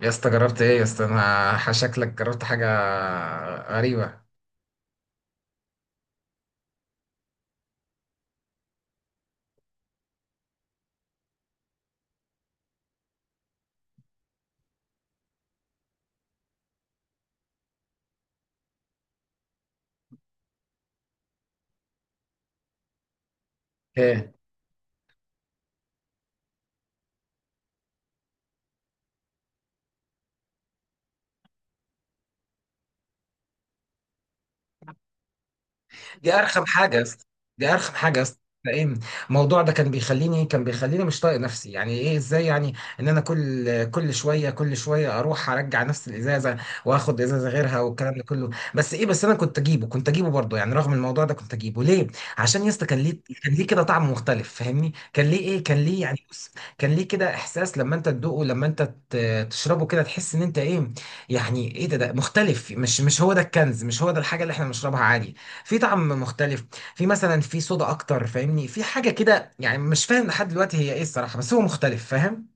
يا اسطى جربت ايه يا اسطى؟ انا شكلك جربت حاجه غريبه. ايه دي؟ ارخم حاجه يا اسطى. دي ارخم حاجه يا اسطى. فاهم؟ الموضوع ده كان بيخليني مش طايق نفسي. يعني ايه؟ ازاي يعني ان انا كل شويه كل شويه اروح ارجع نفس الازازه، واخد ازازه غيرها والكلام ده كله؟ بس ايه، بس انا كنت اجيبه برضه يعني، رغم الموضوع ده كنت اجيبه ليه؟ عشان يا اسطى كان ليه كده طعم مختلف فاهمني، كان ليه ايه، كان ليه يعني، بص، كان ليه كده احساس لما انت تدوقه، تشربه كده تحس ان انت ايه، يعني ايه؟ ده مختلف، مش هو ده الكنز، مش هو ده الحاجه اللي احنا بنشربها عادي؟ في طعم مختلف، في مثلا في صودا اكتر فاهمني، في حاجه كده يعني مش فاهم لحد دلوقتي هي ايه الصراحه، بس هو مختلف فاهم.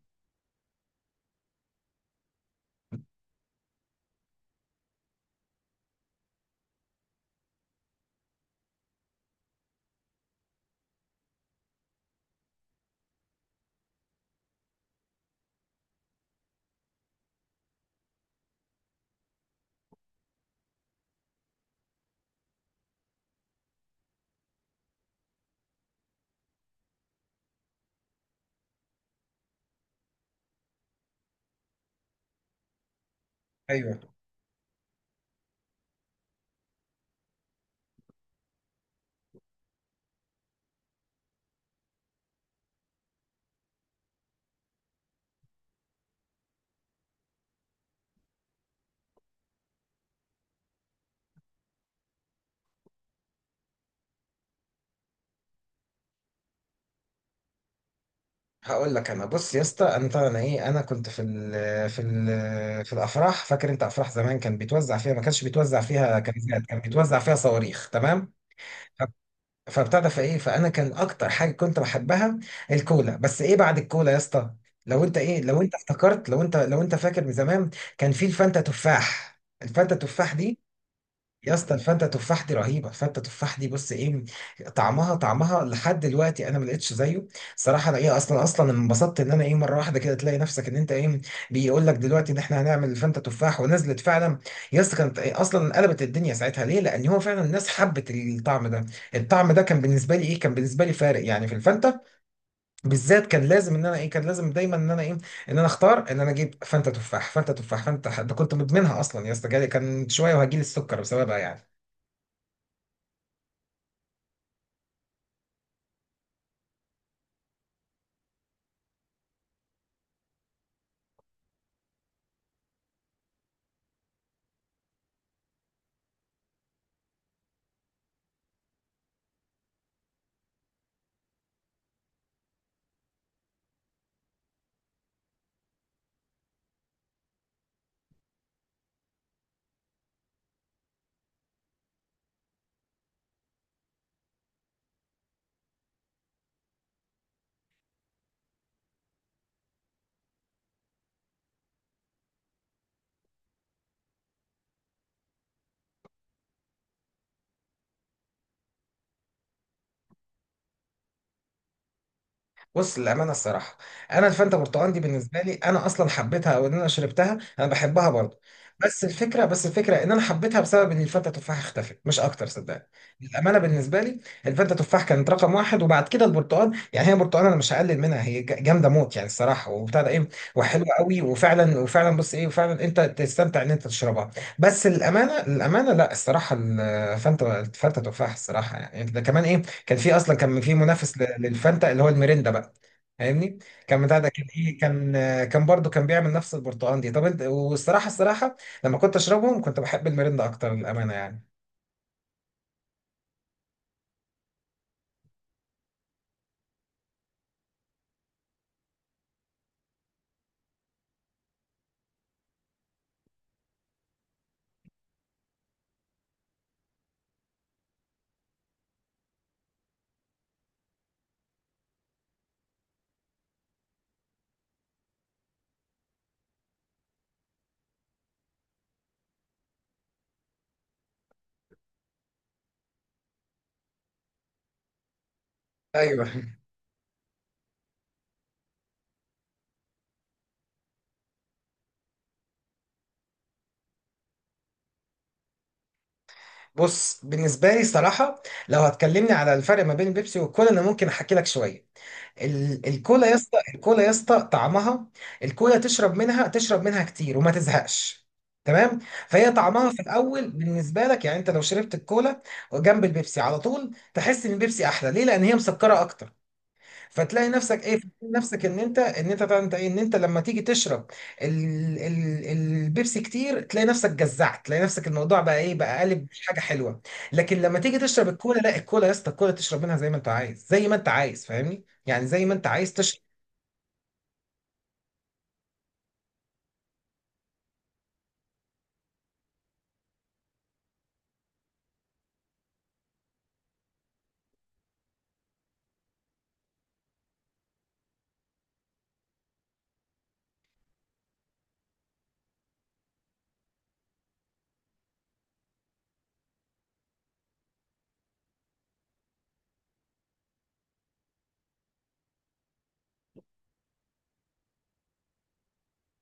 ايوه هقول لك، انا بص يا اسطى، انا طبعا ايه، انا كنت في الافراح، فاكر انت افراح زمان كان بيتوزع فيها، ما كانش بيتوزع فيها كنزات، كان بيتوزع فيها صواريخ، تمام؟ ف- فبتاع في ايه فانا كان اكتر حاجه كنت بحبها الكولا، بس ايه، بعد الكولا يا اسطى، لو انت ايه، لو انت افتكرت، لو انت لو انت فاكر من زمان كان في الفانتا تفاح. الفانتا تفاح دي يا اسطى، الفته تفاح دي رهيبه، الفته تفاح دي بص ايه، طعمها طعمها لحد دلوقتي انا ما لقيتش زيه صراحه. انا ايه، اصلا اصلا انبسطت ان انا ايه، مره واحده كده تلاقي نفسك ان انت ايه، بيقول لك دلوقتي ان احنا هنعمل الفته تفاح، ونزلت فعلا. يا اسطى كانت إيه، اصلا قلبت الدنيا ساعتها، ليه؟ لان هو فعلا الناس حبت الطعم ده. الطعم ده كان بالنسبه لي ايه، كان بالنسبه لي فارق يعني. في الفته بالذات كان لازم ان انا ايه، كان لازم دايما ان انا ايه، ان انا اختار ان انا اجيب فانتا تفاح. فانتا تفاح فانتا ده كنت مدمنها اصلا يا اسطى، جالي كان شويه وهجيلي السكر بسببها يعني. بص للامانه الصراحه، انا الفانتا برتقال دي بالنسبه لي انا اصلا حبيتها، او ان انا شربتها انا بحبها برضه. بس الفكره، بس الفكره ان انا حبيتها بسبب ان الفانتا تفاح اختفت، مش اكتر صدقني. للامانه بالنسبه لي الفانتا تفاح كانت رقم واحد، وبعد كده البرتقال يعني. هي برتقال انا مش هقلل منها، هي جامده موت يعني الصراحه، وبتاع ده ايه، وحلوه قوي، وفعلا وفعلا بص ايه، وفعلا انت تستمتع ان انت تشربها. بس للامانه للامانه لا، الصراحه الفانتا الفانتا تفاح الصراحه يعني ده كمان ايه، كان في اصلا كان في منافس للفانتا، اللي هو الميريندا بقى، فاهمني، كان بتاع ده كان ايه، كان كان برضو كان بيعمل نفس البرتقال دي. طب انت، والصراحه الصراحه لما كنت اشربهم كنت بحب الميريندا اكتر للامانه يعني. ايوه بص بالنسبه لي صراحه، لو هتكلمني على الفرق ما بين البيبسي والكولا انا ممكن احكي لك شويه. الكولا يا اسطى، الكولا يا اسطى طعمها، الكولا تشرب منها، تشرب منها كتير وما تزهقش، تمام؟ فهي طعمها في الاول بالنسبه لك يعني، انت لو شربت الكولا جنب البيبسي على طول، تحس ان البيبسي احلى، ليه؟ لان هي مسكره اكتر. فتلاقي نفسك ايه، فتلاقي نفسك ان انت لما تيجي تشرب ال ال البيبسي كتير، تلاقي نفسك جزعت، تلاقي نفسك الموضوع بقى ايه، بقى قالب مش حاجه حلوه. لكن لما تيجي تشرب الكولا، لا، الكولا يا اسطى، الكولا تشرب منها زي ما انت عايز، زي ما انت عايز فاهمني، يعني زي ما انت عايز تشرب.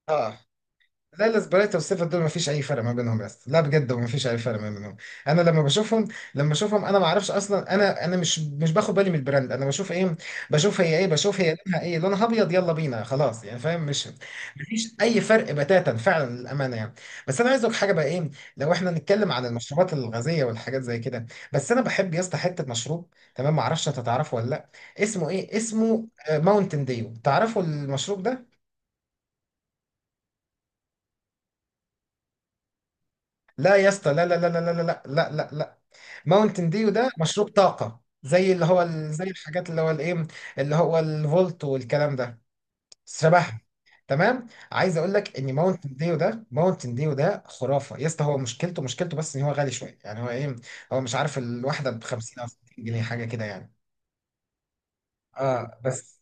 اه. لا، الاسبريتو والسيفن دول مفيش اي فرق ما بينهم يا اسطى، لا بجد مفيش اي فرق ما بينهم. انا لما بشوفهم انا ما اعرفش اصلا، انا مش باخد بالي من البراند، انا بشوف ايه، بشوف هي ايه، بشوف هي لونها ايه، لونها ابيض، يلا بينا خلاص يعني فاهم؟ مش مفيش اي فرق بتاتا فعلا للامانه يعني. بس انا عايز اقول لك حاجه بقى ايه، لو احنا نتكلم عن المشروبات الغازيه والحاجات زي كده، بس انا بحب يا اسطى حته مشروب، تمام؟ ما اعرفش انت تعرفه ولا لا، اسمه ايه، اسمه ماونتن ديو، تعرفوا المشروب ده؟ لا يا اسطى، لا لا لا لا لا لا لا لا لا، ماونتن ديو ده مشروب طاقة، زي اللي هو زي الحاجات اللي هو الايه، اللي هو الفولت والكلام ده، شبهها. تمام؟ عايز اقول لك ان ماونتن ديو ده، ماونتن ديو ده خرافه يا اسطى، هو مشكلته، مشكلته بس ان هو غالي شويه، يعني هو ايه، هو مش عارف الواحده ب 50 او 60 جنيه حاجه كده يعني. اه بس.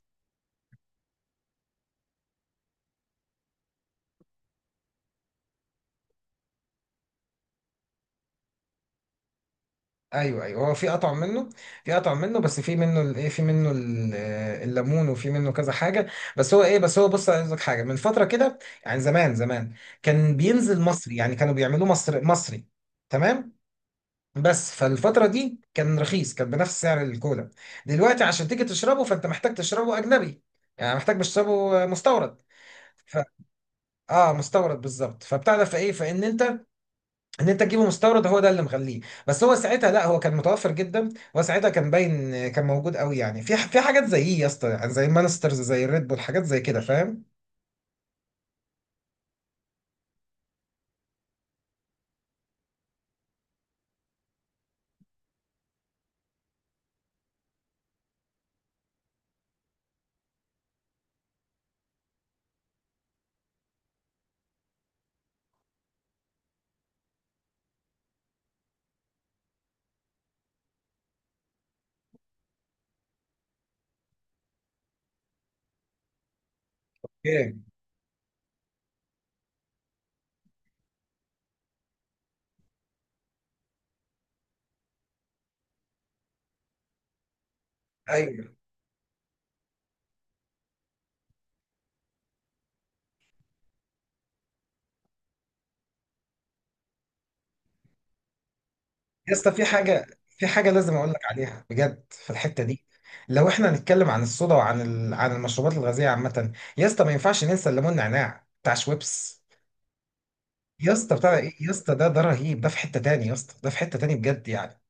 ايوه ايوه، هو في قطع منه، في قطع منه، بس في منه الايه، في منه الليمون، وفي منه كذا حاجه. بس هو ايه، بس هو بص عايز لك حاجه من فتره كده، يعني زمان زمان كان بينزل مصري، يعني كانوا بيعملوه مصر مصري، تمام؟ بس فالفتره دي كان رخيص، كان بنفس سعر الكولا. دلوقتي عشان تيجي تشربه فانت محتاج تشربه اجنبي، يعني محتاج مش تشربه مستورد. ف... اه مستورد بالظبط، فبتاع ده فايه، فان انت ان انت تجيبه مستورد، هو ده اللي مخليه. بس هو ساعتها لا، هو كان متوفر جدا، هو ساعتها كان باين، كان موجود قوي يعني، في في حاجات زي إيه يا اسطى، يعني زي مانسترز، زي الريد بول، حاجات زي كده فاهم؟ جامد. ايوه يا اسطى، في حاجه، في حاجه لازم اقول لك عليها بجد في الحته دي، لو احنا هنتكلم عن الصودا وعن عن المشروبات الغازيه عامه يا اسطى، ما ينفعش ننسى الليمون نعناع بتاع شويبس. يا اسطى بتاع ايه يا اسطى، ده ده رهيب، ده في حته تاني يا اسطى، ده في حته تاني بجد يعني.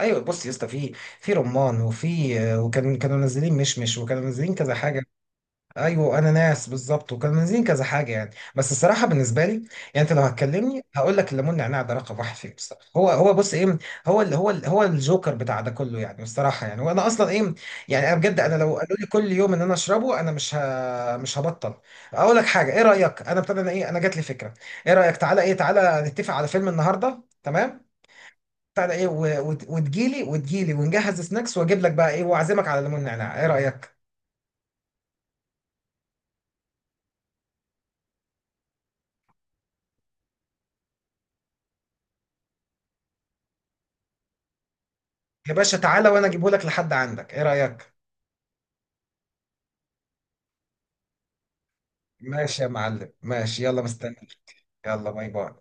ايوه بص يا اسطى، في في رمان، وفي وكان كانوا منزلين مشمش، وكانوا منزلين كذا حاجه. ايوه انا ناس بالظبط، وكانوا منزلين كذا حاجه يعني. بس الصراحه بالنسبه لي يعني، انت لو هتكلمني هقول لك الليمون نعناع ده رقم واحد فيهم الصراحه. هو هو بص ايه، هو ال هو ال هو الجوكر بتاع ده كله يعني الصراحه، يعني وانا اصلا ايه، يعني انا بجد انا لو قالوا لي كل يوم ان انا اشربه انا مش هبطل. اقول لك حاجه، ايه رايك؟ انا ابتدى انا ايه، انا جات لي فكره، ايه رايك تعالى نتفق على فيلم النهارده، تمام؟ بتاع ده ايه، وتجيلي ونجهز سناكس، واجيب لك بقى ايه، واعزمك على ليمون نعناع، ايه رايك؟ يا باشا تعالى وانا اجيبه لك لحد عندك، ايه رايك؟ ماشي يا معلم، ماشي، يلا مستني، يلا باي باي.